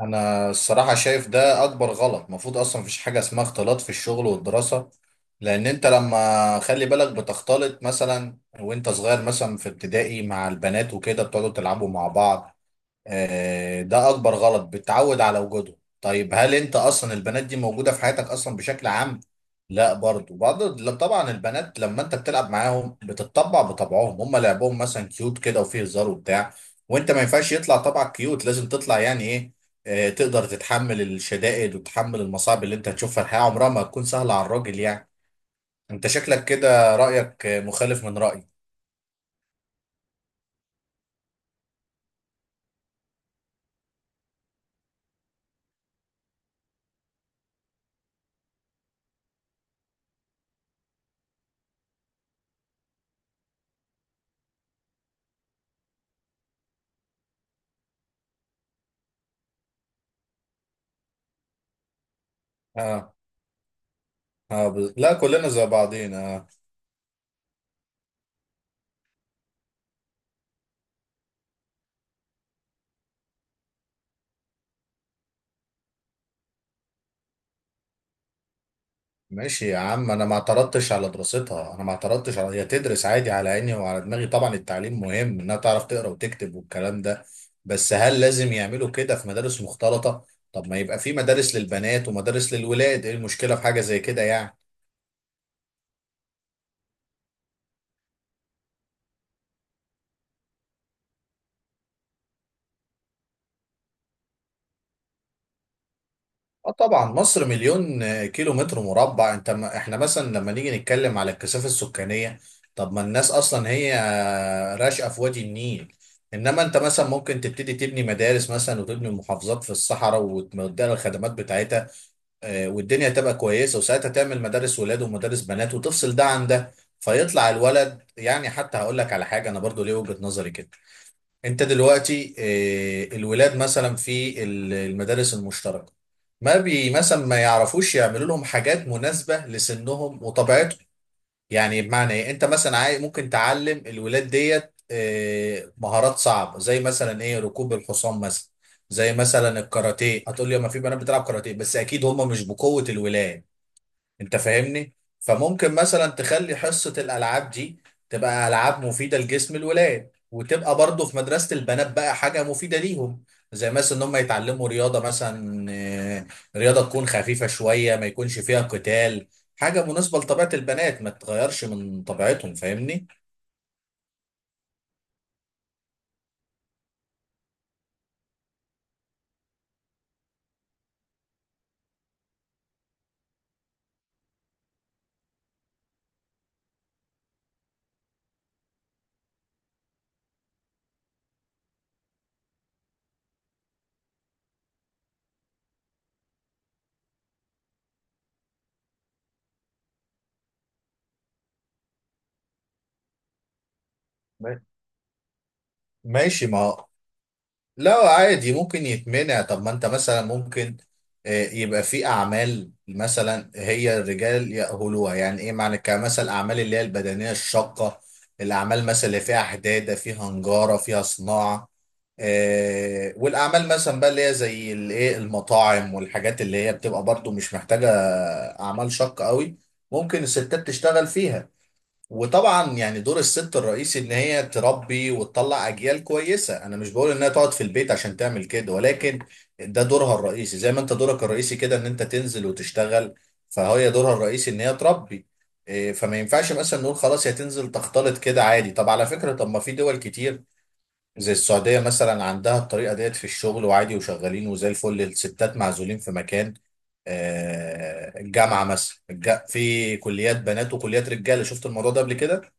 انا الصراحه شايف ده اكبر غلط. المفروض اصلا مفيش حاجه اسمها اختلاط في الشغل والدراسه، لان انت لما خلي بالك بتختلط مثلا وانت صغير مثلا في ابتدائي مع البنات وكده بتقعدوا تلعبوا مع بعض. ده اكبر غلط، بتعود على وجوده. طيب، هل انت اصلا البنات دي موجوده في حياتك اصلا بشكل عام؟ لا، برضو بعض. لا، طبعا البنات لما انت بتلعب معاهم بتتطبع بطبعهم، هم لعبهم مثلا كيوت كده وفيه هزار وبتاع. وانت ما ينفعش يطلع طبعك كيوت، لازم تطلع يعني ايه، تقدر تتحمل الشدائد وتتحمل المصاعب اللي انت هتشوفها. الحياه عمرها ما هتكون سهله على الراجل يعني. انت شكلك كده رايك مخالف من رايي. اه اه، لا، كلنا زي بعضينا. ماشي يا عم، انا ما اعترضتش على دراستها، انا ما اعترضتش على هي تدرس، عادي، على عيني وعلى دماغي. طبعا التعليم مهم انها تعرف تقرا وتكتب والكلام ده. بس هل لازم يعملوا كده في مدارس مختلطة؟ طب ما يبقى في مدارس للبنات ومدارس للولاد، ايه المشكلة في حاجة زي كده يعني؟ اه طبعا، مصر مليون كيلو متر مربع. انت ما احنا مثلا لما نيجي نتكلم على الكثافه السكانيه، طب ما الناس اصلا هي راشقه في وادي النيل. انما انت مثلا ممكن تبتدي تبني مدارس مثلا وتبني محافظات في الصحراء وتديها الخدمات بتاعتها، والدنيا تبقى كويسه. وساعتها تعمل مدارس ولاد ومدارس بنات وتفصل ده عن ده، فيطلع الولد يعني. حتى هقول لك على حاجه، انا برضو ليه وجهه نظري كده. انت دلوقتي الولاد مثلا في المدارس المشتركه، ما بي مثلا ما يعرفوش يعملوا لهم حاجات مناسبة لسنهم وطبيعتهم. يعني بمعنى ايه، انت مثلا ممكن تعلم الولاد ديت مهارات صعبة، زي مثلا ايه، ركوب الحصان مثلا، زي مثلا الكاراتيه. هتقول لي ما في بنات بتلعب كاراتيه، بس اكيد هم مش بقوة الولاد. انت فاهمني. فممكن مثلا تخلي حصة الالعاب دي تبقى العاب مفيدة لجسم الولاد، وتبقى برضو في مدرسة البنات بقى حاجة مفيدة ليهم، زي مثلا ان هم يتعلموا رياضة مثلا، رياضة تكون خفيفة شوية، ما يكونش فيها قتال، حاجة مناسبة لطبيعة البنات، ما تتغيرش من طبيعتهم. فاهمني؟ ما- ماشي، ما لا عادي ممكن يتمنع. طب ما انت مثلا ممكن يبقى في اعمال مثلا هي الرجال يأهلوها. يعني ايه معنى كمثل؟ الاعمال اللي هي البدنية الشاقة، الاعمال مثلا اللي فيها حدادة، فيها نجارة، فيها صناعة. والاعمال مثلا بقى اللي هي زي الايه، المطاعم والحاجات اللي هي بتبقى برضو مش محتاجة اعمال شاقة قوي، ممكن الستات تشتغل فيها. وطبعا يعني دور الست الرئيسي ان هي تربي وتطلع اجيال كويسه، انا مش بقول انها تقعد في البيت عشان تعمل كده، ولكن ده دورها الرئيسي، زي ما انت دورك الرئيسي كده ان انت تنزل وتشتغل. فهي دورها الرئيسي ان هي تربي. إيه، فما ينفعش مثلا نقول خلاص هي تنزل تختلط كده عادي. طب على فكره، طب ما في دول كتير زي السعوديه مثلا، عندها الطريقه ديت في الشغل، وعادي وشغالين وزي الفل. الستات معزولين في مكان، الجامعه مثلا في كليات بنات وكليات رجاله. شفت الموضوع ده قبل كده.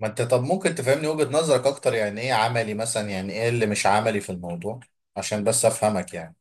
ما انت طب ممكن تفهمني وجهة نظرك اكتر؟ يعني ايه عملي مثلا، يعني ايه اللي مش عملي في الموضوع، عشان بس افهمك يعني.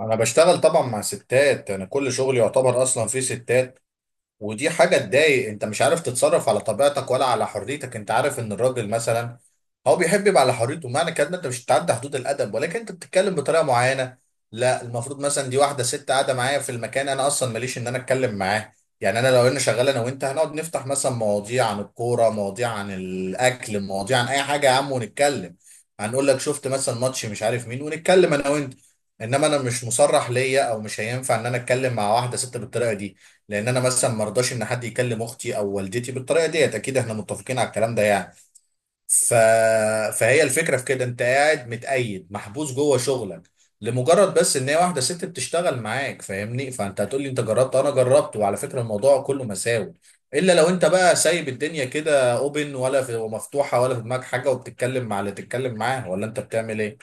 انا بشتغل طبعا مع ستات، انا كل شغلي يعتبر اصلا فيه ستات، ودي حاجة تضايق. انت مش عارف تتصرف على طبيعتك ولا على حريتك. انت عارف ان الراجل مثلا هو بيحب يبقى على حريته. معنى كده إن انت مش بتعدي حدود الادب، ولكن انت بتتكلم بطريقة معينة. لا، المفروض مثلا دي واحدة ست قاعدة معايا في المكان، انا اصلا ماليش ان انا اتكلم معاه. يعني انا لو انا شغال انا وانت، هنقعد نفتح مثلا مواضيع عن الكورة، مواضيع عن الاكل، مواضيع عن اي حاجة يا عم ونتكلم. هنقول لك شفت مثلا ماتش مش عارف مين، ونتكلم انا وانت. انما انا مش مصرح ليا، او مش هينفع ان انا اتكلم مع واحدة ست بالطريقة دي، لان انا مثلا ما ارضاش ان حد يكلم اختي او والدتي بالطريقه ديت. اكيد احنا متفقين على الكلام ده يعني. ف... فهي الفكره في كده، انت قاعد متقيد محبوس جوه شغلك لمجرد بس ان هي واحده ست بتشتغل معاك. فاهمني؟ فانت هتقول لي انت جربت، انا جربت، وعلى فكره الموضوع كله مساوي، الا لو انت بقى سايب الدنيا كده اوبن ولا في ومفتوحه، ولا في دماغك حاجه وبتتكلم مع اللي تتكلم معاه، ولا انت بتعمل ايه.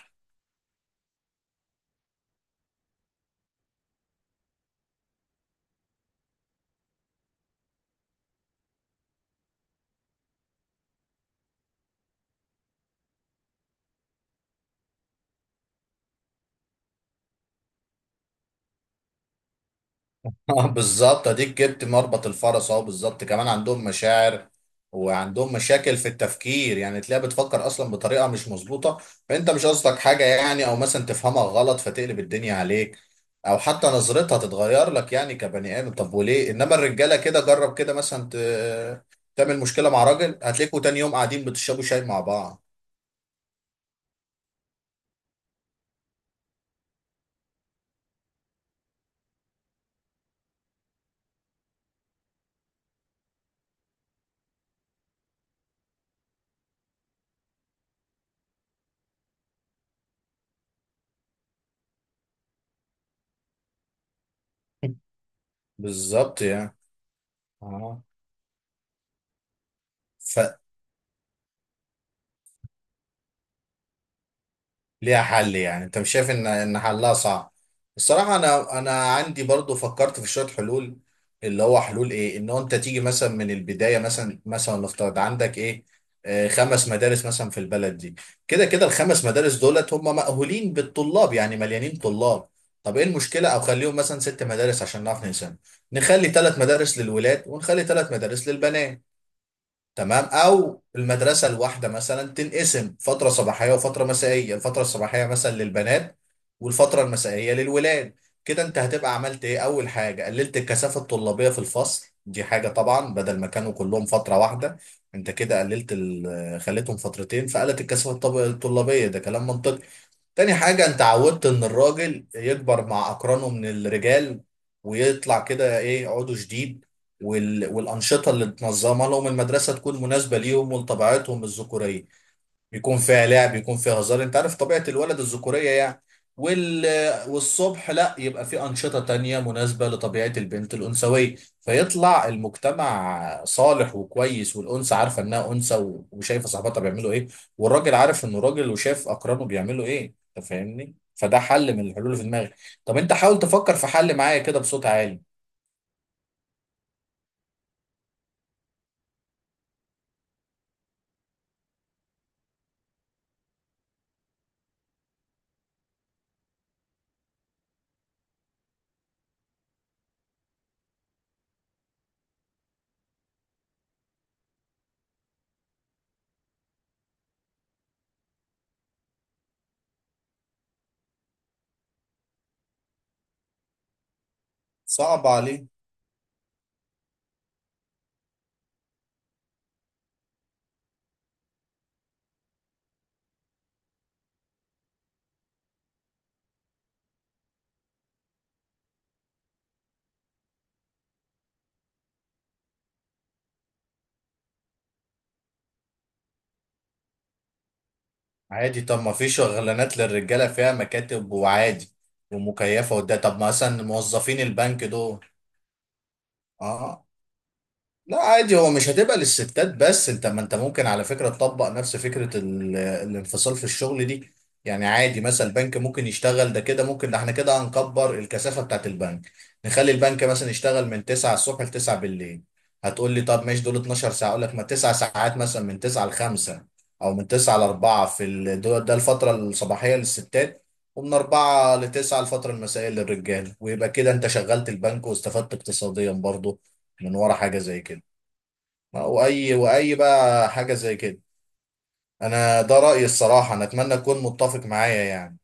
آه، بالظبط، اديك جبت مربط الفرس اهو. بالظبط، كمان عندهم مشاعر وعندهم مشاكل في التفكير، يعني تلاقيها بتفكر اصلا بطريقه مش مظبوطه. فانت مش قصدك حاجه يعني، او مثلا تفهمها غلط فتقلب الدنيا عليك، او حتى نظرتها تتغير لك يعني كبني ادم. طب وليه؟ انما الرجاله كده، جرب كده مثلا تعمل مشكله مع راجل، هتلاقيكوا تاني يوم قاعدين بتشربوا شاي مع بعض. بالظبط يعني. اه، ليها حل يعني، انت مش شايف ان حلها صعب؟ الصراحه انا عندي برضو فكرت في شويه حلول، اللي هو حلول ايه، ان هو انت تيجي مثلا من البدايه. مثلا نفترض عندك ايه، خمس مدارس مثلا في البلد دي، كده كده الخمس مدارس دولت هم مأهولين بالطلاب، يعني مليانين طلاب. طب ايه المشكله، او خليهم مثلا ست مدارس عشان نعرف نقسم، نخلي ثلاث مدارس للولاد ونخلي ثلاث مدارس للبنات. تمام، او المدرسه الواحده مثلا تنقسم فتره صباحيه وفتره مسائيه، الفتره الصباحيه مثلا للبنات والفتره المسائيه للولاد. كده انت هتبقى عملت ايه؟ اول حاجه، قللت الكثافه الطلابيه في الفصل، دي حاجه طبعا، بدل ما كانوا كلهم فتره واحده انت كده قللت خليتهم فترتين، فقلت الكثافه الطلابيه. ده كلام منطقي. تاني حاجة، انت عودت ان الراجل يكبر مع اقرانه من الرجال ويطلع كده ايه، عضو جديد. والانشطة اللي تنظمها لهم المدرسة تكون مناسبة ليهم ولطبيعتهم الذكورية، بيكون فيها لعب، بيكون فيها هزار. انت عارف طبيعة الولد الذكورية يعني. وال... والصبح لا، يبقى في أنشطة تانية مناسبة لطبيعة البنت الأنثوية. فيطلع المجتمع صالح وكويس، والأنثى عارفة إنها أنثى، وشايفة صاحبتها بيعملوا إيه، والراجل عارف إنه راجل وشايف أقرانه بيعملوا إيه. أنت فاهمني؟ فده حل من الحلول اللي في دماغي. طب أنت حاول تفكر في حل معايا كده بصوت عالي. صعب عليك؟ عادي، طب ما في شغلانات للرجالة فيها مكاتب وعادي ومكيفة وده، طب مثلا موظفين البنك دول. اه، لا عادي، هو مش هتبقى للستات بس، انت ما انت ممكن على فكرة تطبق نفس فكرة الانفصال في الشغل دي. يعني عادي مثلا البنك ممكن يشتغل ده كده، ممكن ده احنا كده هنكبر الكثافة بتاعت البنك. نخلي البنك مثلا يشتغل من 9 الصبح ل 9 بالليل. هتقول لي طب ماشي، دول 12 ساعة، اقول لك ما 9 ساعات مثلا، من 9 ل 5 او من 9 ل 4 في ده الفترة الصباحية للستات، ومن 4 ل 9 الفترة المسائية للرجال. ويبقى كده انت شغلت البنك، واستفدت اقتصاديا برضه من ورا حاجة زي كده. واي واي بقى حاجه زي كده. انا ده رايي الصراحه، انا اتمنى تكون متفق معايا يعني.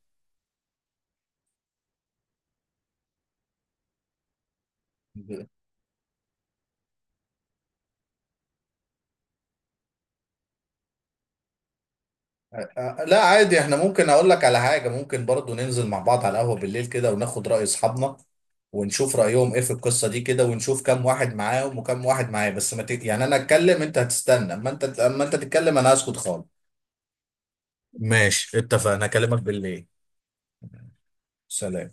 ب- لا عادي، احنا ممكن اقول لك على حاجه، ممكن برضو ننزل مع بعض على القهوه بالليل كده وناخد راي اصحابنا، ونشوف رايهم ايه في القصه دي كده، ونشوف كام واحد معاهم وكام واحد معايا. بس ما ت... يعني انا اتكلم انت هتستنى، اما انت تتكلم انا هسكت خالص. ماشي اتفقنا، اكلمك بالليل. سلام.